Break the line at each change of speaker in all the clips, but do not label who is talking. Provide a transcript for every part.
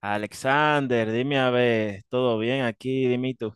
Alexander, dime a ver, ¿todo bien aquí? Dime tú.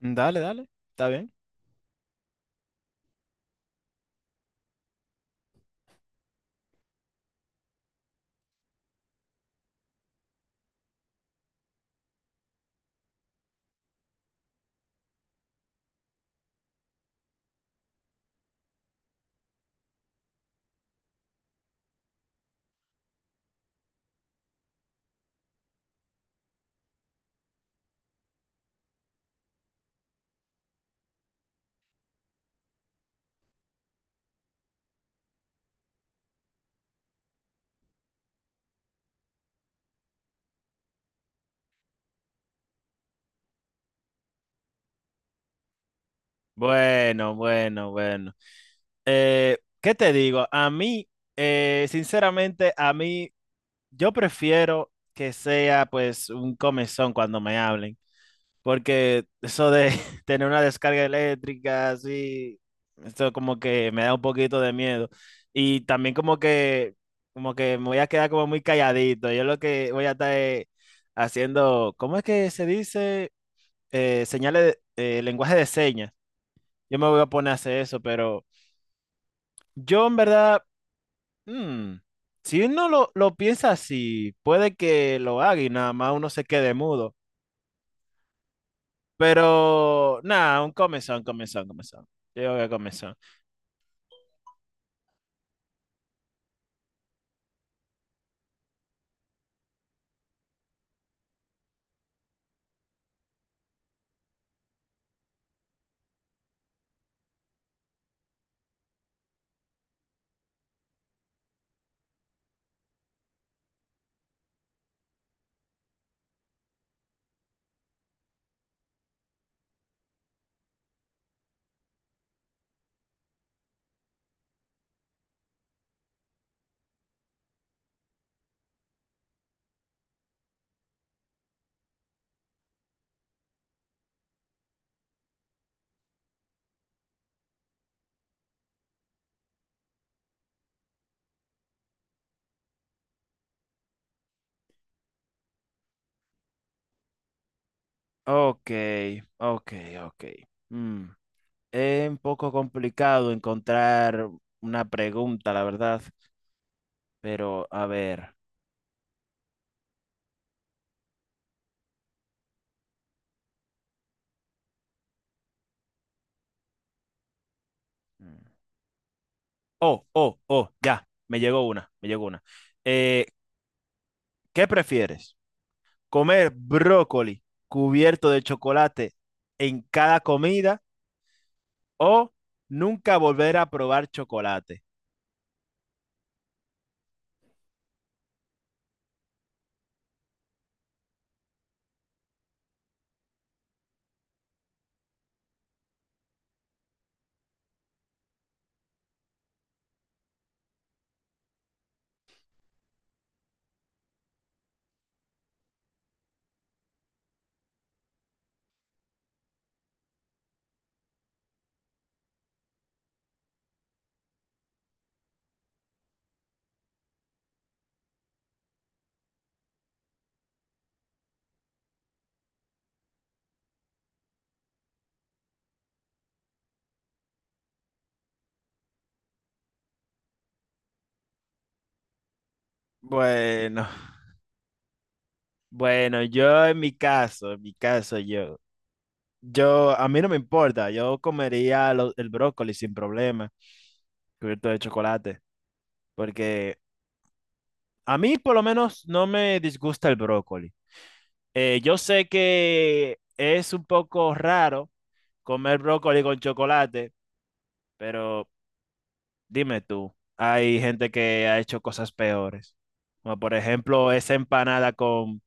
Dale, dale, está bien. Bueno, bueno, bueno. ¿Qué te digo? A mí, sinceramente, a mí, yo prefiero que sea pues un comezón cuando me hablen. Porque eso de tener una descarga eléctrica así, esto como que me da un poquito de miedo. Y también como que me voy a quedar como muy calladito. Yo lo que voy a estar haciendo, ¿cómo es que se dice? Señales, lenguaje de señas. Yo me voy a poner a hacer eso, pero yo en verdad, mm, si uno lo piensa así, puede que lo haga y nada más uno se quede mudo. Pero nada, un comezón, comezón, comezón. Yo voy a comezón. Ok, ok, ok. Mm. Es un poco complicado encontrar una pregunta, la verdad. Pero a ver. Mm. Oh, oh, oh, ya. Me llegó una, me llegó una. Eh, ¿Qué prefieres? ¿Comer brócoli cubierto de chocolate en cada comida o nunca volver a probar chocolate? Bueno. Bueno, yo en mi caso, en mi caso yo, a mí no me importa, yo comería el brócoli sin problema, cubierto de chocolate, porque a mí por lo menos no me disgusta el brócoli. Yo sé que es un poco raro comer brócoli con chocolate, pero dime tú, hay gente que ha hecho cosas peores, como por ejemplo esa empanada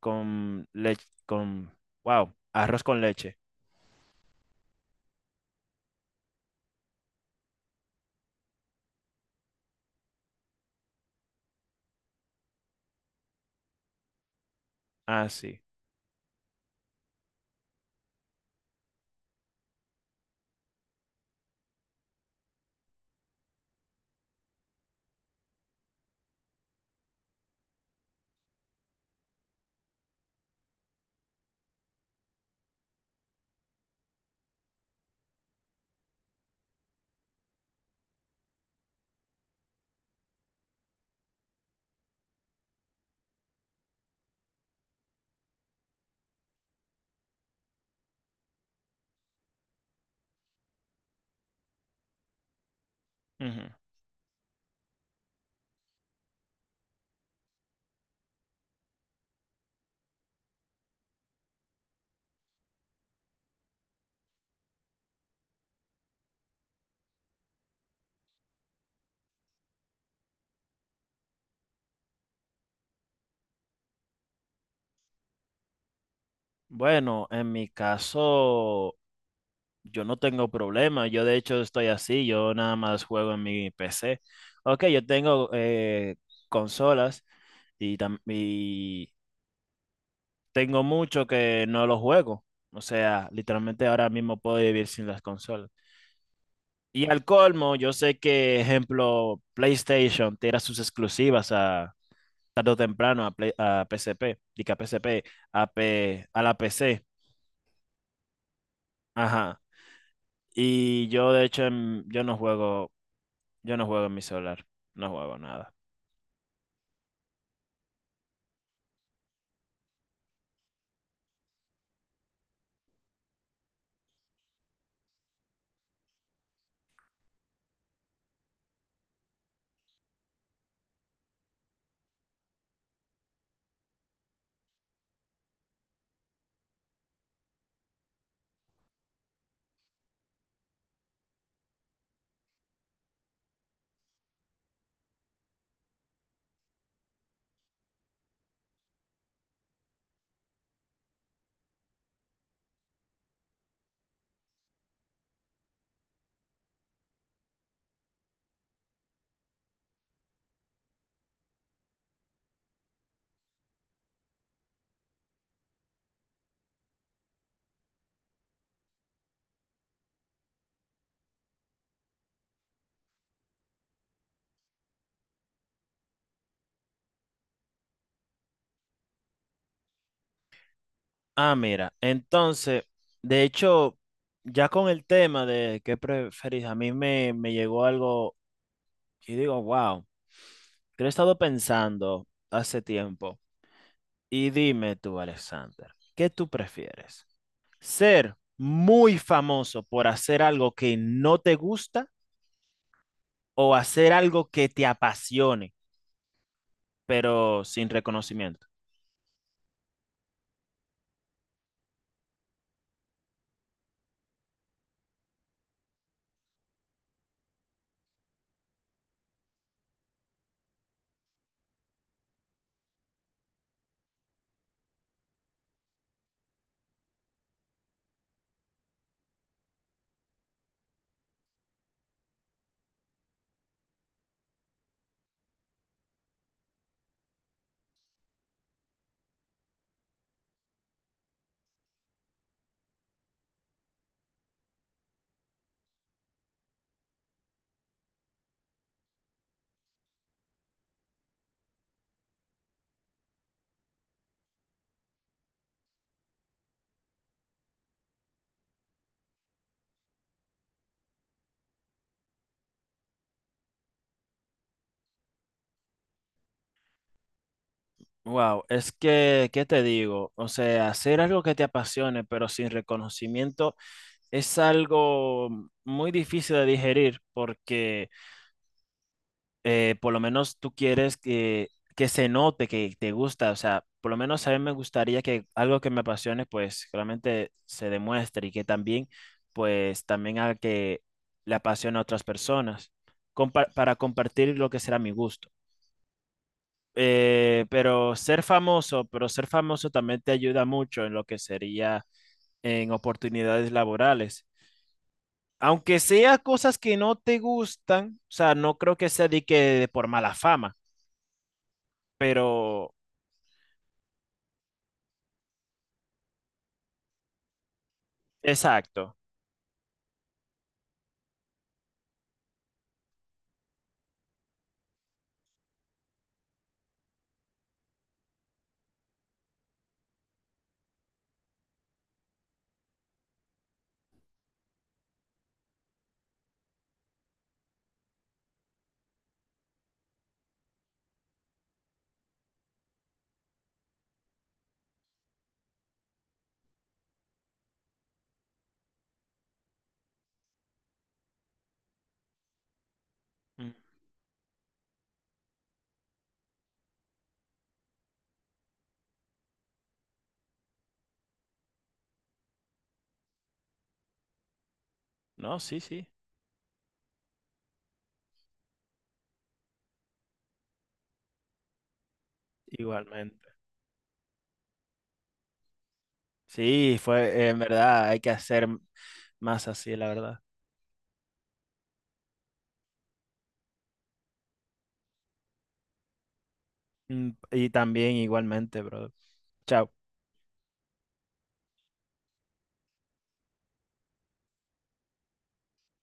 con leche, con, wow, arroz con leche. Ah, sí. Ujú. Bueno, en mi caso, yo no tengo problema. Yo de hecho estoy así. Yo nada más juego en mi PC. Ok, yo tengo consolas y tengo mucho que no lo juego. O sea, literalmente ahora mismo puedo vivir sin las consolas. Y al colmo, yo sé que, ejemplo, PlayStation tira sus exclusivas a tarde o temprano a, PSP, diga PSP, a la PC. Ajá. Y yo, de hecho, yo no juego en mi celular, no juego nada. Ah, mira, entonces, de hecho, ya con el tema de qué preferís, a mí me llegó algo y digo, wow, que lo he estado pensando hace tiempo. Y dime tú, Alexander, ¿qué tú prefieres? ¿Ser muy famoso por hacer algo que no te gusta o hacer algo que te apasione, pero sin reconocimiento? Wow, es que, ¿qué te digo? O sea, hacer algo que te apasione, pero sin reconocimiento, es algo muy difícil de digerir porque por lo menos tú quieres que se note que te gusta. O sea, por lo menos a mí me gustaría que algo que me apasione, pues realmente se demuestre y que también, pues también haga que le apasione a otras personas para compartir lo que será mi gusto, pero ser famoso también te ayuda mucho en lo que sería en oportunidades laborales. Aunque sea cosas que no te gustan, o sea, no creo que sea de que por mala fama, pero exacto. Mm. No, sí, sí, igualmente. Sí, fue, en verdad, hay que hacer más así, la verdad. Mm, y también igualmente, bro. Chao.